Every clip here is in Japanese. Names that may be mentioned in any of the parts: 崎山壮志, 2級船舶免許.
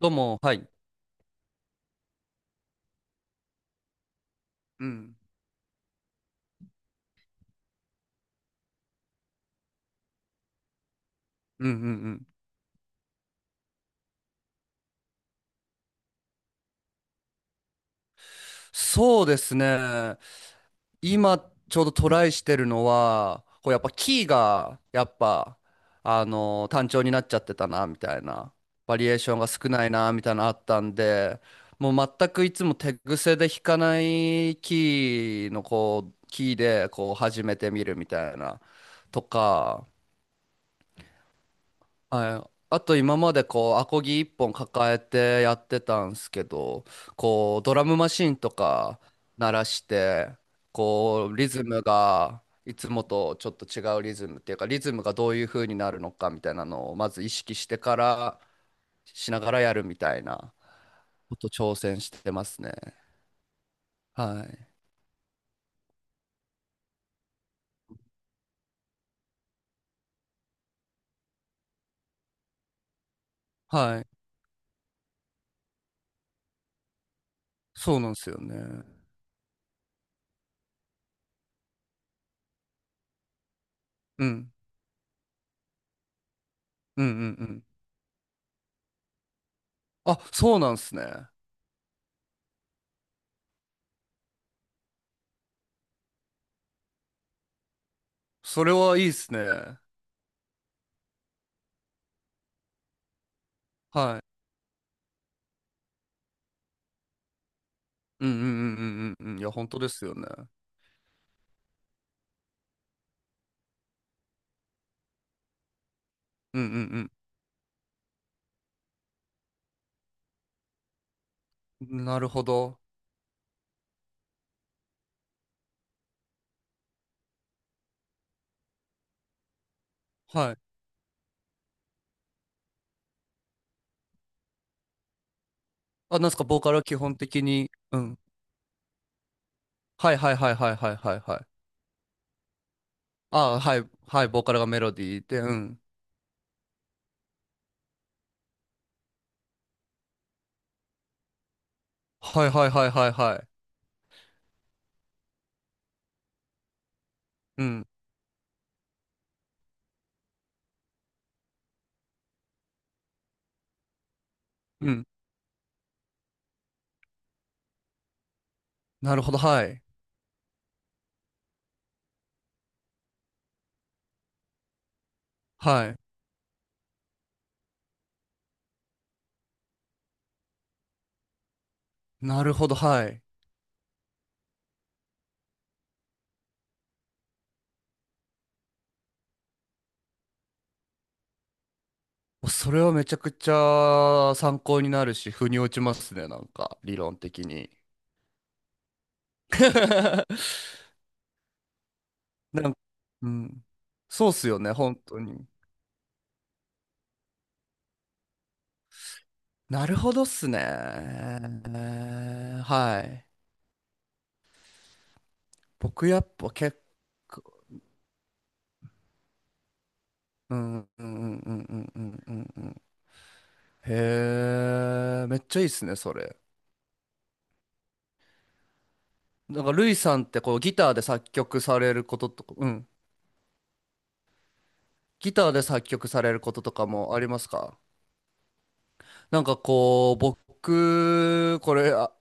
どうも、はい。うん。うんうんうん。そうですね。今、ちょうどトライしてるのは、こうやっぱキーが、やっぱ、単調になっちゃってたな、みたいな。バリエーションが少ないな、みたいなのあったんで、もう全くいつも手癖で弾かないキーの、こう、キーで、こう、始めてみるみたいな、とか、はい。あと今までこうアコギ一本抱えてやってたんすけど、こうドラムマシンとか鳴らして、こうリズムがいつもとちょっと違うリズムっていうか、リズムがどういう風になるのかみたいなのをまず意識してからしながらやるみたいなこと挑戦してますね。はい。はい。そうなんですよね。うん。うんうんうん。あ、そうなんすね。それはいいっすね。はい。うんうんうんうんうんうん。いや、本当ですよね。うんうんうん。なるほど。はい。あ、なんすか、ボーカルは基本的に、うん。はいはいはいはいはいはいはい。あ、はい、はい、ボーカルがメロディーで、うん。はいはいはいはいはい。うん。うん。なるほど、はい。はい。なるほど、はい。それはめちゃくちゃ参考になるし、腑に落ちますね、なんか、理論的に。なんかうん。そうっすよね、本当に。なるほどっすね。はい。僕やっぱ結構、うんうんうんうんうんうんうんうん。へえ、めっちゃいいっすね、それ。なんか、ルイさんってこう、ギターで作曲されることとか、うん。ギターで作曲されることとかもありますか。なんかこう、僕、これ、あ、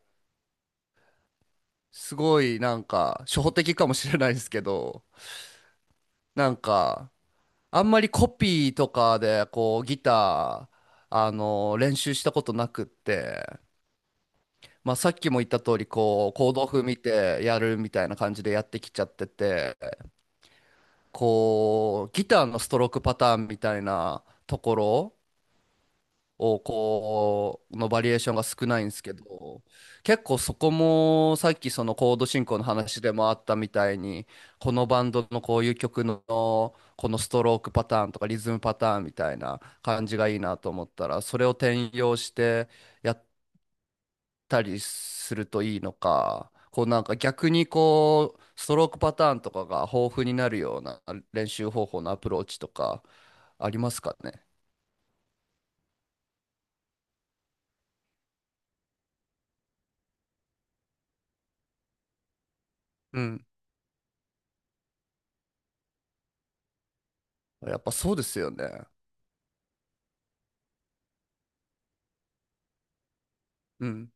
すごいなんか、初歩的かもしれないですけど、なんか、あんまりコピーとかでこうギター練習したことなくって、まあ、さっきも言った通りこうコード譜見てやるみたいな感じでやってきちゃっててこうギターのストロークパターンみたいなところをこうのバリエーションが少ないんですけど、結構そこもさっきそのコード進行の話でもあったみたいに、このバンドのこういう曲のこのストロークパターンとかリズムパターンみたいな感じがいいなと思ったらそれを転用してやったりするといいのか、こうなんか逆にこうストロークパターンとかが豊富になるような練習方法のアプローチとかありますかね。うん、やっぱそうですよね。うん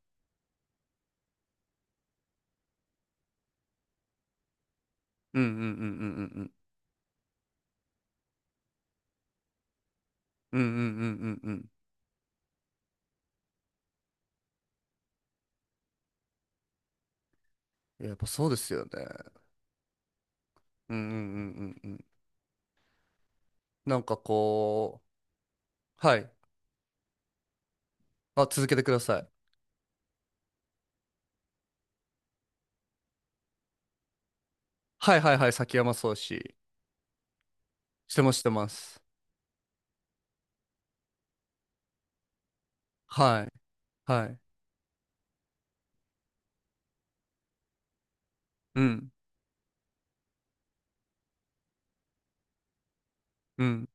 うんうんうんうんうんうんうんうんうんうんうん、やっぱそうですよね。うんうんうんうんうん。なんかこう、はい。あ、続けてください。はいはいはい、崎山壮志。してますしてます。はい。はい。うん。うん。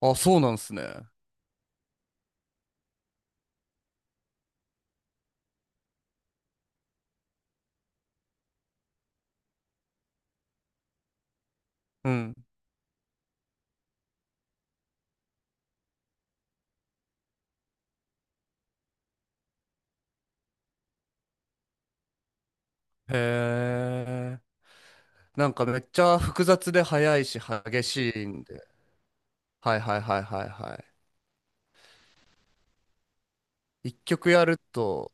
あ、そうなんすね。うん。へえ。なんかめっちゃ複雑で速いし激しいんで。はいはいはいはいはい。一曲やると、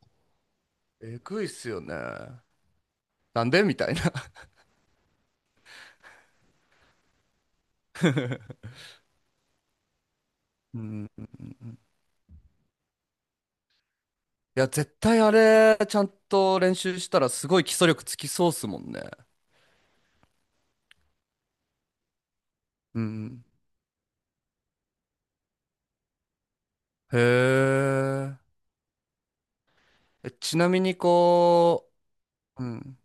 えぐいっすよね。なんでみたいな。うん、いや、絶対あれ、ちゃんと練習したらすごい基礎力つきそうっすもんね。うん。へえ。えちなみにこう、うん。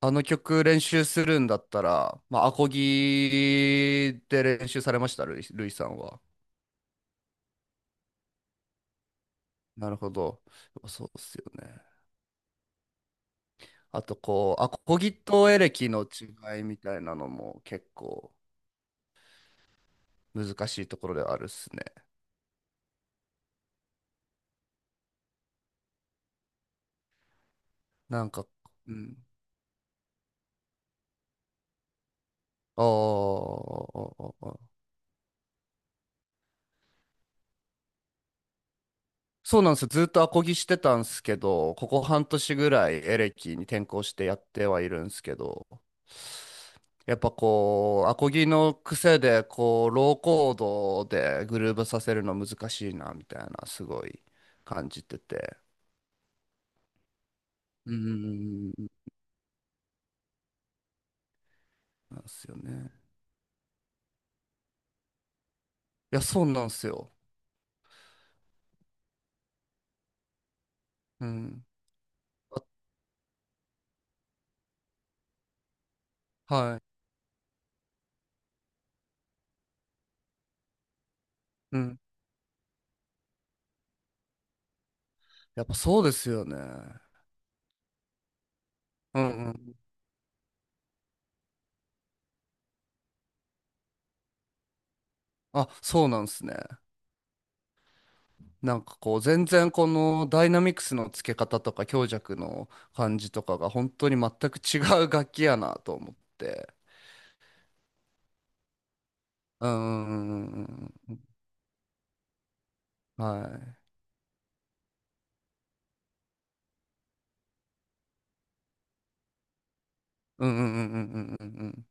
あの曲練習するんだったら、まあ、アコギで練習されました、ルイさんは。なるほど。そうっすよね。あとこう、アコギとエレキの違いみたいなのも結構難しいところではあるっすね。なんか、うん。ああ、そうなんですよ。ずっとアコギしてたんですけど、ここ半年ぐらいエレキに転向してやってはいるんですけど、やっぱこう、アコギの癖で、こう、ローコードでグルーヴさせるの難しいな、みたいな、すごい感じてて。うん、なんですよね。いや、そうなんですよ。うん。はい。うん。やっぱそうですよね。うんうん。あ、そうなんですね。なんかこう全然このダイナミクスの付け方とか強弱の感じとかが本当に全く違う楽器やなと思って。うんうんうんうんうん。はい。うんうんうんうんうんうんうん。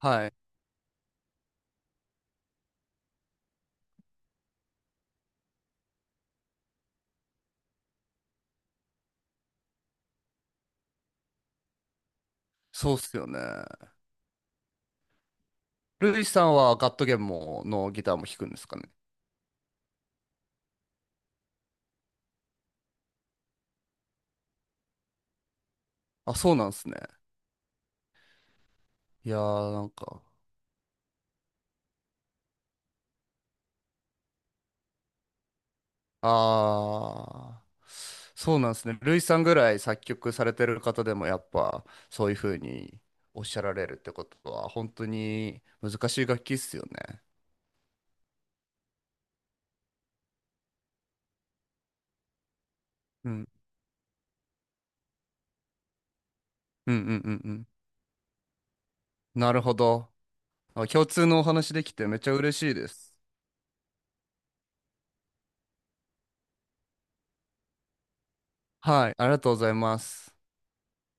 はい。そうっすよね。ルイさんはガットゲームのギターも弾くんですかね。あ、そうなんですね。いやーなんか、ああ、そうなんですね。ルイさんぐらい作曲されてる方でもやっぱそういうふうにおっしゃられるってことは本当に難しい楽器っすよね。うん、うんうんうんうん。なるほど。あ、共通のお話できてめっちゃ嬉しいです。はい、ありがとうございます。